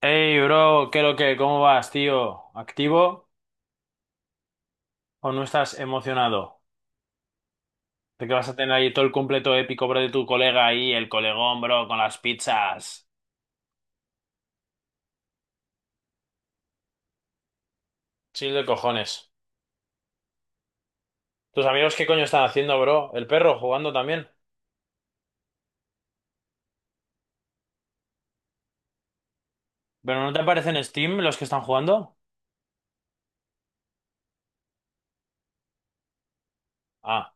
Hey, bro, ¿qué lo que? ¿Cómo vas, tío? ¿Activo o no estás emocionado? De que vas a tener ahí todo el completo épico, bro, de tu colega ahí, el colegón, bro, con las pizzas. Chill de cojones. ¿Tus amigos qué coño están haciendo, bro? ¿El perro jugando también? ¿Pero no te aparecen en Steam los que están jugando? Ah,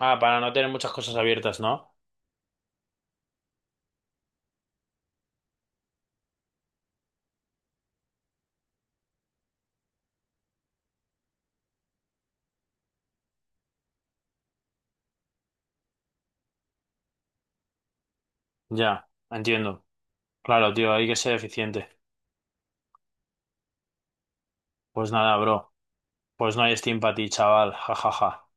para no tener muchas cosas abiertas, ¿no? Ya, entiendo. Claro, tío, hay que ser eficiente. Pues nada, bro. Pues no hay Steam para ti, chaval. Ja, ja, ja.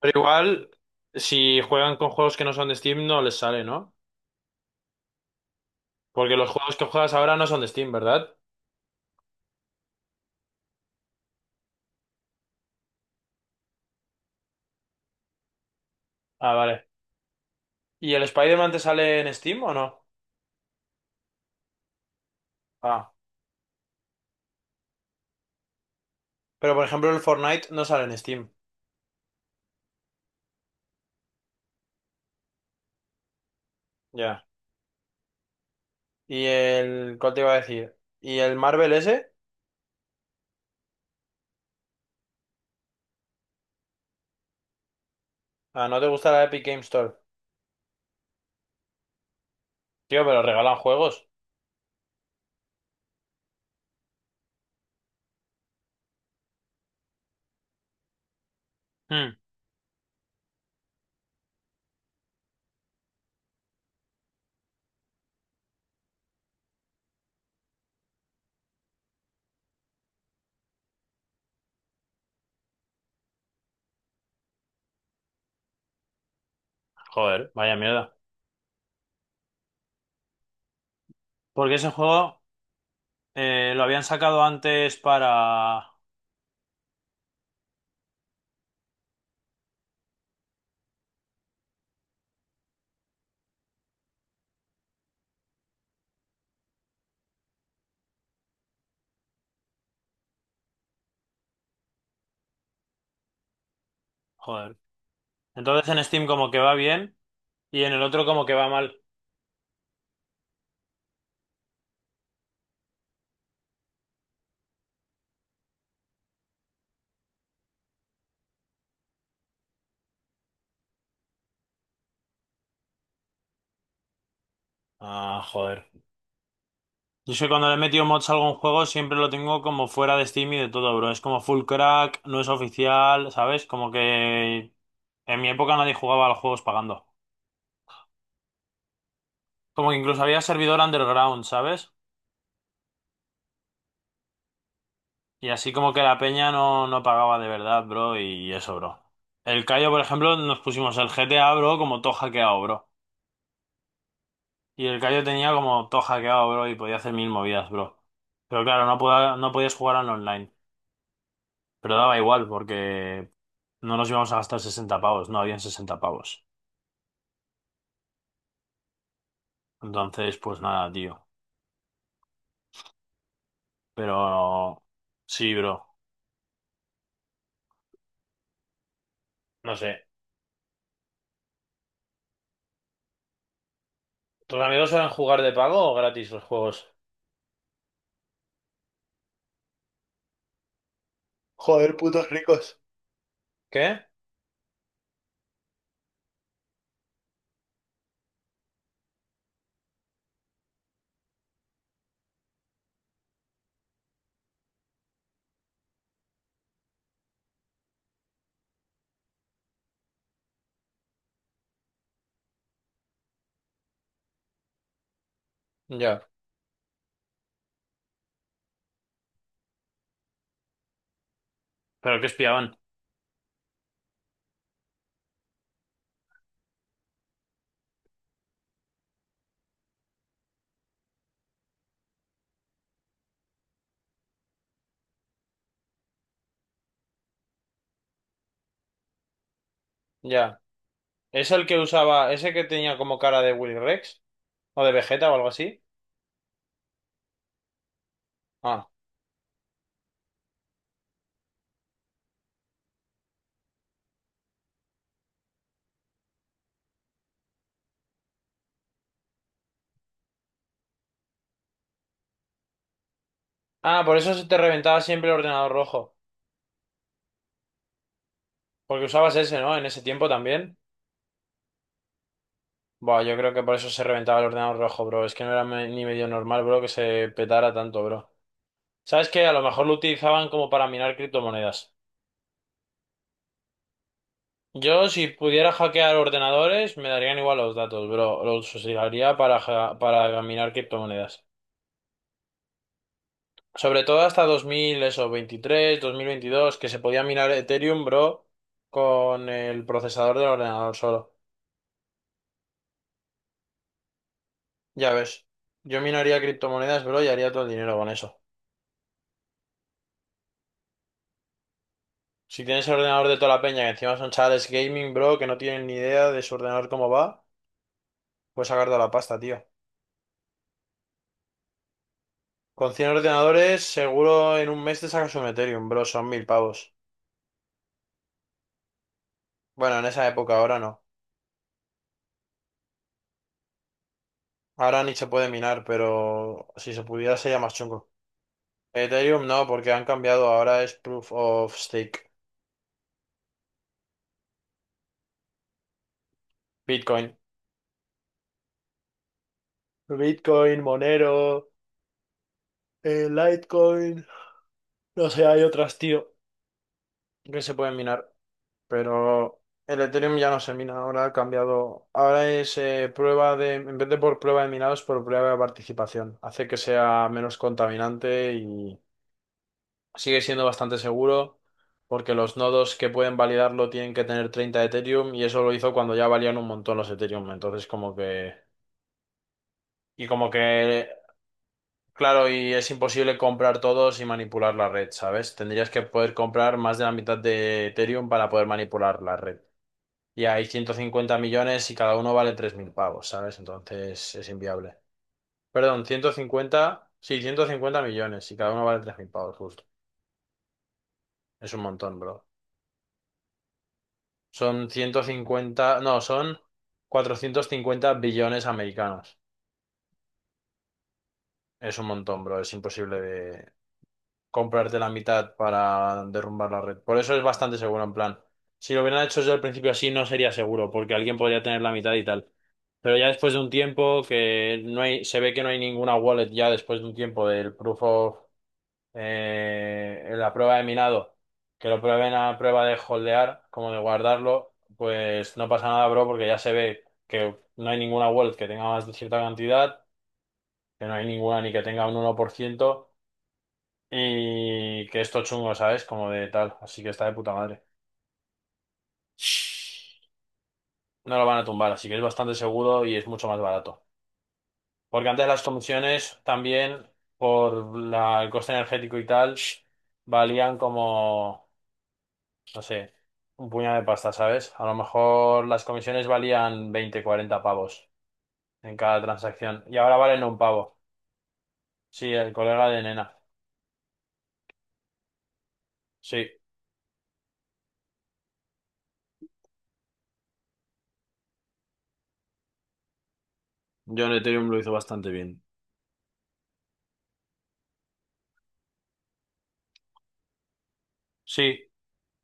Pero igual, si juegan con juegos que no son de Steam, no les sale, ¿no? Porque los juegos que juegas ahora no son de Steam, ¿verdad? Ah, vale. ¿Y el Spider-Man te sale en Steam o no? Ah. Pero por ejemplo, el Fortnite no sale en Steam. Ya. ¿Y el... ¿Cuál te iba a decir? ¿Y el Marvel ese? Ah, ¿no te gusta la Epic Game Store? Tío, pero regalan juegos. Hmm, Joder, vaya mierda. Porque ese juego lo habían sacado antes para... Joder. Entonces en Steam como que va bien y en el otro como que va mal. Ah, joder. Yo sé que cuando le he metido mods a algún juego siempre lo tengo como fuera de Steam y de todo, bro. Es como full crack, no es oficial, ¿sabes? Como que en mi época nadie jugaba a los juegos pagando. Como que incluso había servidor underground, ¿sabes? Y así como que la peña no pagaba de verdad, bro, y eso, bro. El Cayo, por ejemplo, nos pusimos el GTA, bro, como todo hackeado, bro. Y el Cayo tenía como todo hackeado, bro, y podía hacer mil movidas, bro. Pero claro, no podías jugar al online. Pero daba igual porque no nos íbamos a gastar 60 pavos, no habían 60 pavos. Entonces, pues nada, tío. Pero sí, bro. No sé. ¿Tus amigos suelen jugar de pago o gratis los juegos? Joder, putos ricos. ¿Qué? Ya. ¿Pero qué espiaban? Ya. ¿Es el que usaba, ese que tenía como cara de Willy Rex? ¿O de Vegeta o algo así? Ah. Ah, por eso se te reventaba siempre el ordenador rojo. Porque usabas ese, ¿no? En ese tiempo también. Buah, yo creo que por eso se reventaba el ordenador rojo, bro. Es que no era ni medio normal, bro, que se petara tanto, bro. ¿Sabes qué? A lo mejor lo utilizaban como para minar criptomonedas. Yo, si pudiera hackear ordenadores, me darían igual los datos, bro. Los usaría para, para minar criptomonedas. Sobre todo hasta 2000, eso, 23, 2022, que se podía minar Ethereum, bro, con el procesador del ordenador solo. Ya ves. Yo minaría criptomonedas, bro, y haría todo el dinero con eso. Si tienes el ordenador de toda la peña, que encima son chavales gaming, bro, que no tienen ni idea de su ordenador cómo va, puedes sacar toda la pasta, tío. Con 100 ordenadores, seguro en un mes te sacas un Ethereum, bro, son 1000 pavos. Bueno, en esa época, ahora no. Ahora ni se puede minar, pero si se pudiera sería más chungo. Ethereum no, porque han cambiado, ahora es Proof of Stake. Bitcoin. Bitcoin, Monero, Litecoin, no sé, hay otras, tío, que se pueden minar. Pero el Ethereum ya no se mina, ahora ha cambiado. Ahora es prueba de, en vez de por prueba de minado, es por prueba de participación. Hace que sea menos contaminante y sigue siendo bastante seguro porque los nodos que pueden validarlo tienen que tener 30 Ethereum y eso lo hizo cuando ya valían un montón los Ethereum. Entonces como que... Y como que... Claro, y es imposible comprar todos y manipular la red, ¿sabes? Tendrías que poder comprar más de la mitad de Ethereum para poder manipular la red. Y hay 150 millones y cada uno vale 3000 pavos, ¿sabes? Entonces es inviable. Perdón, 150, sí, 150 millones y cada uno vale 3.000 pavos, justo. Es un montón, bro. Son 150, no, son 450 billones americanos. Es un montón, bro. Es imposible de comprarte la mitad para derrumbar la red. Por eso es bastante seguro, en plan. Si lo hubieran hecho desde el principio así, no sería seguro, porque alguien podría tener la mitad y tal. Pero ya después de un tiempo que no hay, se ve que no hay ninguna wallet ya después de un tiempo del proof of la prueba de minado, que lo prueben a prueba de holdear, como de guardarlo, pues no pasa nada, bro, porque ya se ve que no hay ninguna wallet que tenga más de cierta cantidad, que no hay ninguna ni que tenga un 1 por ciento y que esto chungo, ¿sabes? Como de tal. Así que está de puta madre. No lo van a tumbar, así que es bastante seguro y es mucho más barato. Porque antes las comisiones también, por el coste energético y tal, valían como, no sé, un puñado de pasta, ¿sabes? A lo mejor las comisiones valían 20 40 pavos en cada transacción. Y ahora valen un pavo. Sí, el colega de Nena. Sí, yo en Ethereum lo hizo bastante bien. Sí.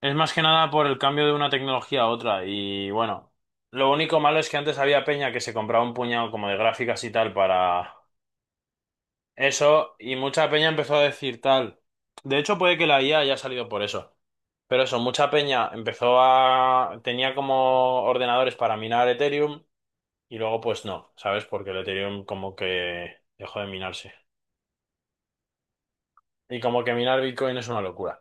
Es más que nada por el cambio de una tecnología a otra. Y bueno, lo único malo es que antes había peña que se compraba un puñado como de gráficas y tal para eso. Y mucha peña empezó a decir tal. De hecho, puede que la IA haya salido por eso. Pero eso, mucha peña empezó a... Tenía como ordenadores para minar Ethereum y luego pues no, ¿sabes? Porque el Ethereum como que dejó de minarse. Y como que minar Bitcoin es una locura.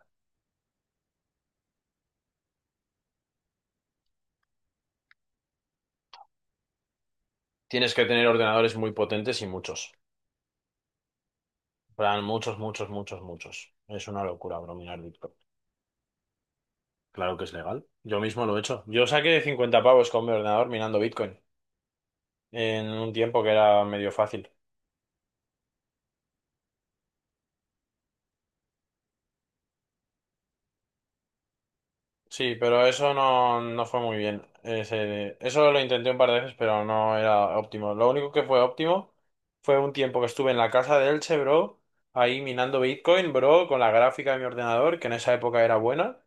Tienes que tener ordenadores muy potentes y muchos. Plan, muchos, muchos, muchos, muchos. Es una locura, bro, minar Bitcoin. Claro que es legal. Yo mismo lo he hecho. Yo saqué 50 pavos con mi ordenador minando Bitcoin en un tiempo que era medio fácil. Sí, pero eso no, no fue muy bien. Eso lo intenté un par de veces, pero no era óptimo. Lo único que fue óptimo fue un tiempo que estuve en la casa de Elche, bro, ahí minando Bitcoin, bro, con la gráfica de mi ordenador, que en esa época era buena,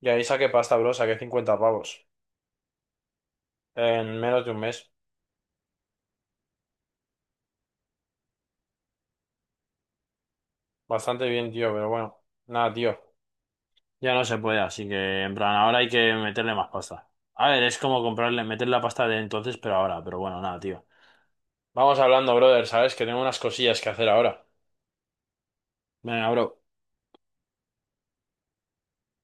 y ahí saqué pasta, bro, saqué 50 pavos en menos de un mes. Bastante bien, tío, pero bueno, nada, tío, ya no se puede, así que en plan, ahora hay que meterle más pasta. A ver, es como comprarle, meter la pasta de entonces, pero ahora, pero bueno, nada, tío. Vamos hablando, brother, ¿sabes? Que tengo unas cosillas que hacer ahora. Venga, bro.